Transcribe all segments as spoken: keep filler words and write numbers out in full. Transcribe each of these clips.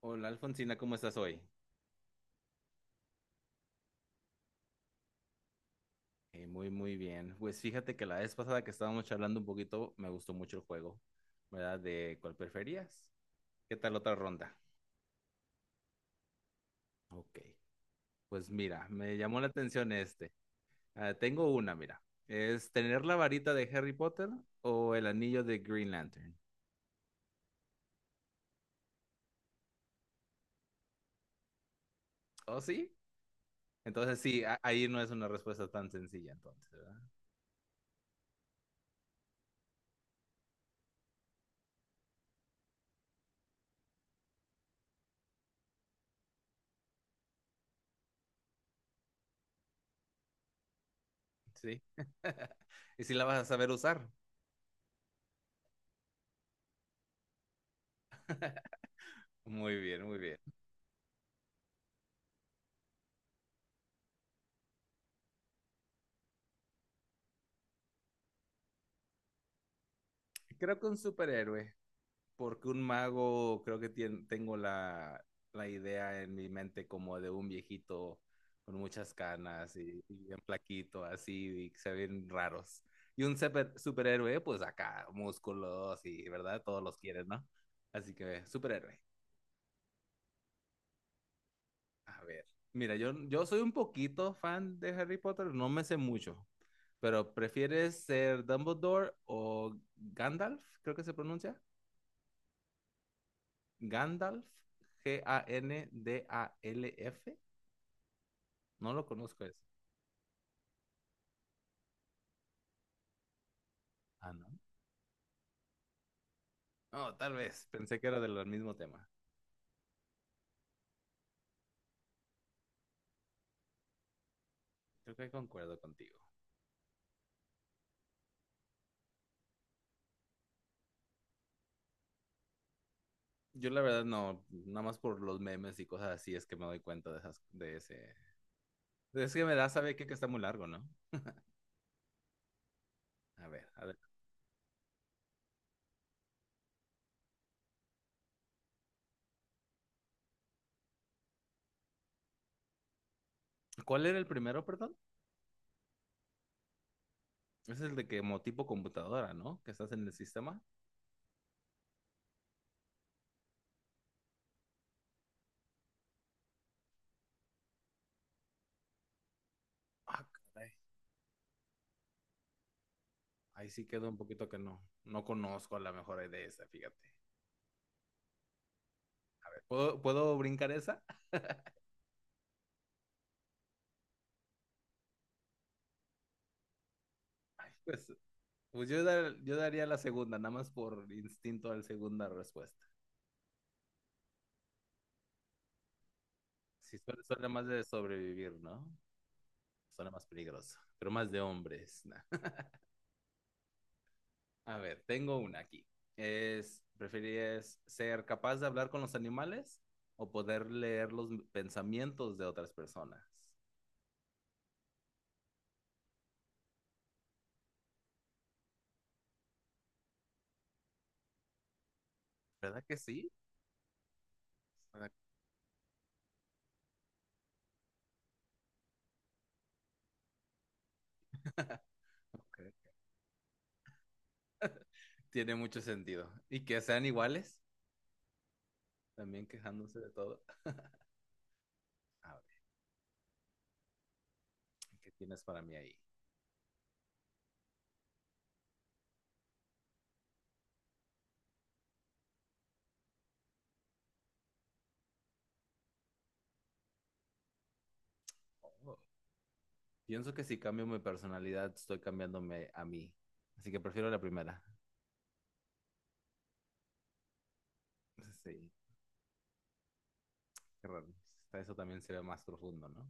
Hola Alfonsina, ¿cómo estás hoy? Eh, muy, muy bien. Pues fíjate que la vez pasada que estábamos charlando un poquito, me gustó mucho el juego, ¿verdad? De cuál preferías. ¿Qué tal otra ronda? Ok. Pues mira, me llamó la atención este. Ah, tengo una, mira. ¿Es tener la varita de Harry Potter o el anillo de Green Lantern? ¿Oh, sí? Entonces sí, a- ahí no es una respuesta tan sencilla, entonces, ¿verdad? Sí. ¿Y si la vas a saber usar? Muy bien, muy bien. Creo que un superhéroe, porque un mago creo que tien- tengo la, la idea en mi mente como de un viejito con muchas canas y, y bien plaquito así y se ven raros. Y un super- superhéroe, pues acá, músculos y, ¿verdad? Todos los quieren, ¿no? Así que, superhéroe. A ver, mira, yo, yo soy un poquito fan de Harry Potter, no me sé mucho, pero ¿prefieres ser Dumbledore o Gandalf? Creo que se pronuncia. Gandalf, G A N D A L F. No lo conozco eso. Ah, no. No, tal vez. Pensé que era del mismo tema. Creo que concuerdo contigo. Yo la verdad no, nada más por los memes y cosas así es que me doy cuenta de esas, de ese. Es que me da saber que, que está muy largo, ¿no? A ver, a ver. ¿Cuál era el primero, perdón? Es el de que como tipo computadora, ¿no? Que estás en el sistema. Ah, caray. Ahí sí quedó un poquito que no. No conozco a la mejor de esa, fíjate. ¿Puedo, ¿puedo brincar esa? Ay, pues, pues yo, dar- yo daría la segunda, nada más por instinto a la segunda respuesta. Si suena, suena más de sobrevivir, ¿no? Suena más peligroso, pero más de hombres. Nah. A ver, tengo una aquí. Es, ¿preferirías ser capaz de hablar con los animales o poder leer los pensamientos de otras personas? ¿Verdad que sí? ¿Verdad que- Ok. Tiene mucho sentido. Y que sean iguales, también quejándose de todo. A ver, ¿qué tienes para mí ahí? Oh. Pienso que si cambio mi personalidad, estoy cambiándome a mí. Así que prefiero la primera. Sí, qué raro. Hasta eso también se ve más profundo, ¿no?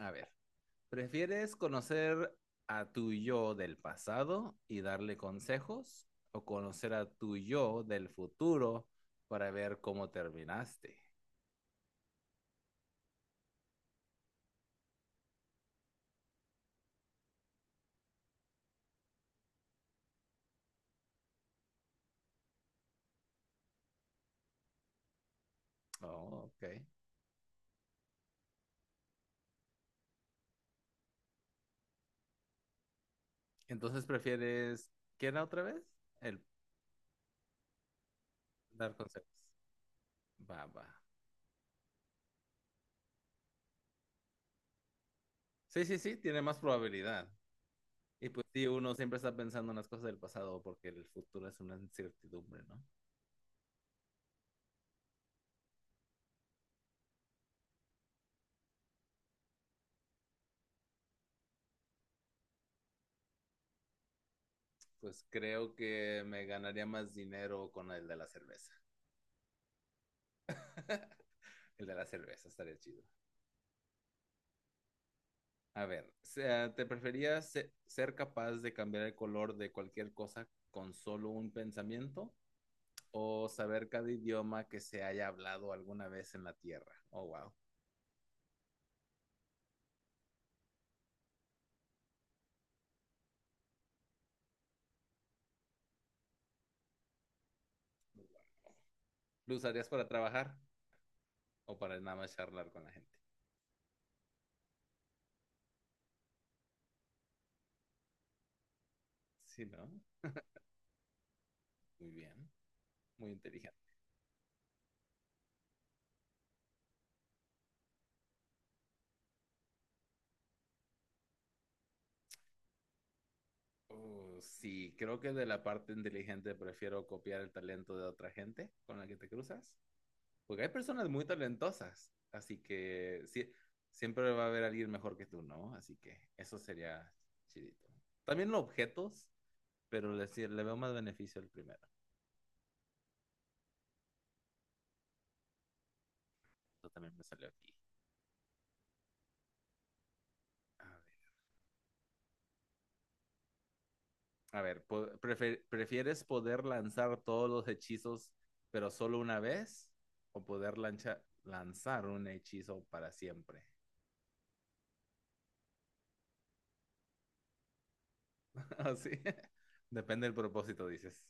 A ver, ¿prefieres conocer a tu yo del pasado y darle consejos o conocer a tu yo del futuro para ver cómo terminaste? Oh, ok. Entonces prefieres, ¿qué era otra vez? El dar consejos. Va, va. Sí, sí, sí, tiene más probabilidad. Y pues sí, uno siempre está pensando en las cosas del pasado porque el futuro es una incertidumbre, ¿no? Pues creo que me ganaría más dinero con el de la cerveza. El de la cerveza estaría chido. A ver, sea, ¿te preferías se- ser capaz de cambiar el color de cualquier cosa con solo un pensamiento o saber cada idioma que se haya hablado alguna vez en la Tierra? Oh, wow. ¿Lo usarías para trabajar o para nada más charlar con la gente? Sí, ¿no? Muy bien, muy inteligente. Uh, sí, creo que de la parte inteligente prefiero copiar el talento de otra gente con la que te cruzas. Porque hay personas muy talentosas, así que sí, siempre va a haber alguien mejor que tú, ¿no? Así que eso sería chidito. También los objetos, pero le, sí- le veo más beneficio al primero. Esto también me salió aquí. A ver, a ver, po- prefe- ¿prefieres poder lanzar todos los hechizos, pero solo una vez? ¿O poder lancha- lanzar un hechizo para siempre? Ah, sí. Depende del propósito, dices.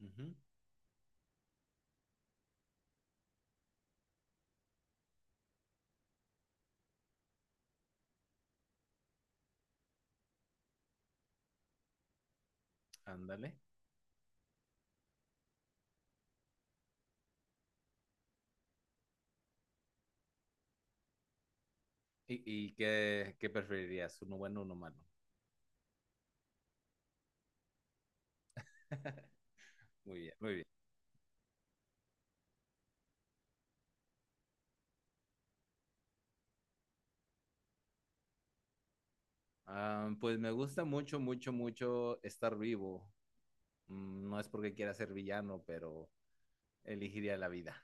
Ujú. Ándale. ¿Y, y qué, qué preferirías? ¿Uno bueno o uno malo? Muy bien, muy bien. Ah, pues me gusta mucho, mucho, mucho estar vivo. Mm, No es porque quiera ser villano, pero elegiría la vida.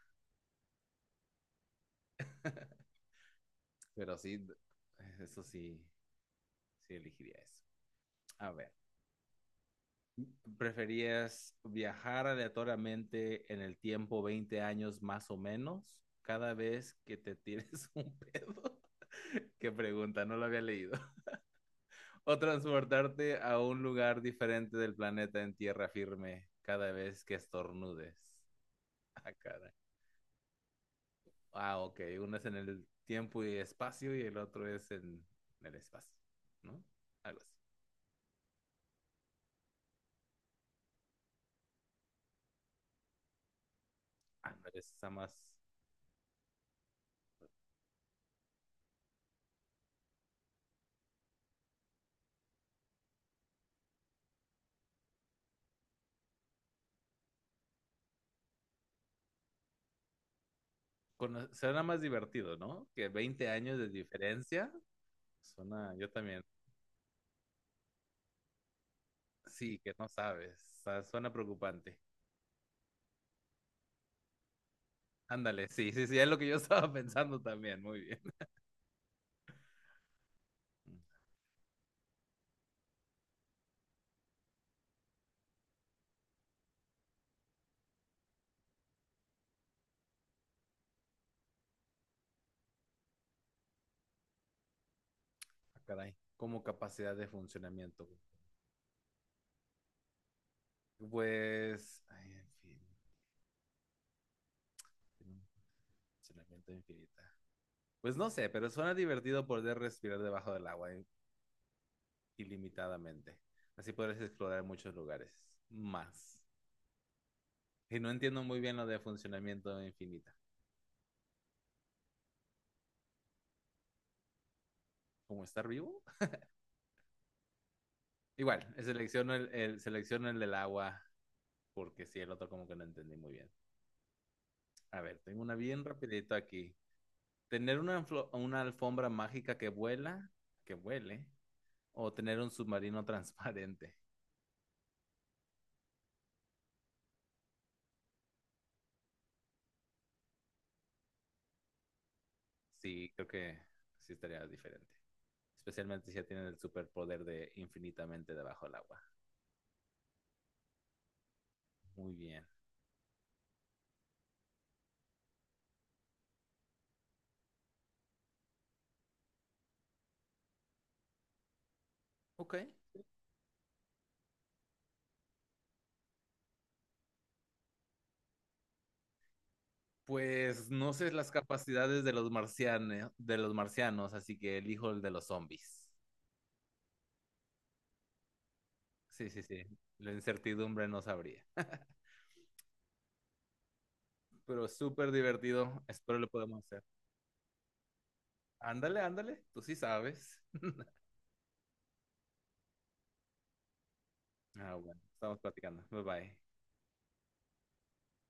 Pero sí, eso sí, sí elegiría eso. A ver, ¿preferías viajar aleatoriamente en el tiempo veinte años más o menos cada vez que te tires un pedo? Qué pregunta, no lo había leído. O transportarte a un lugar diferente del planeta en tierra firme cada vez que estornudes. Ah, caray. Ah, ok. Uno es en el tiempo y espacio y el otro es en el espacio, ¿no? Algo así. Ah, no, está más... cono- Suena más divertido, ¿no? Que veinte años de diferencia. Suena, yo también. Sí, que no sabes. Sa- Suena preocupante. Ándale, sí, sí, sí, es lo que yo estaba pensando también. Muy bien. Ah, caray. Como capacidad de funcionamiento, güey. Pues. Ay, en fin. Tiene un funcionamiento infinita. Pues no sé, pero suena divertido poder respirar debajo del agua eh, ilimitadamente. Así podrás explorar muchos lugares. Más. Y no entiendo muy bien lo de funcionamiento infinita. ¿Cómo estar vivo? Igual, eh, selecciono el, el- selecciono el del agua porque sí, el otro como que no entendí muy bien. A ver, tengo una bien rapidito aquí. Tener una, alflo- una alfombra mágica que vuela, que vuele, o tener un submarino transparente. Sí, creo que sí estaría diferente. Especialmente si ya tienen el superpoder de infinitamente debajo del agua. Muy bien. Ok. Pues no sé las capacidades de los marcianos, de los marcianos, así que elijo el de los zombies. Sí, sí, sí. La incertidumbre no sabría. Pero súper divertido. Espero lo podamos hacer. Ándale, ándale. Tú sí sabes. Ah, bueno. Estamos platicando. Bye bye.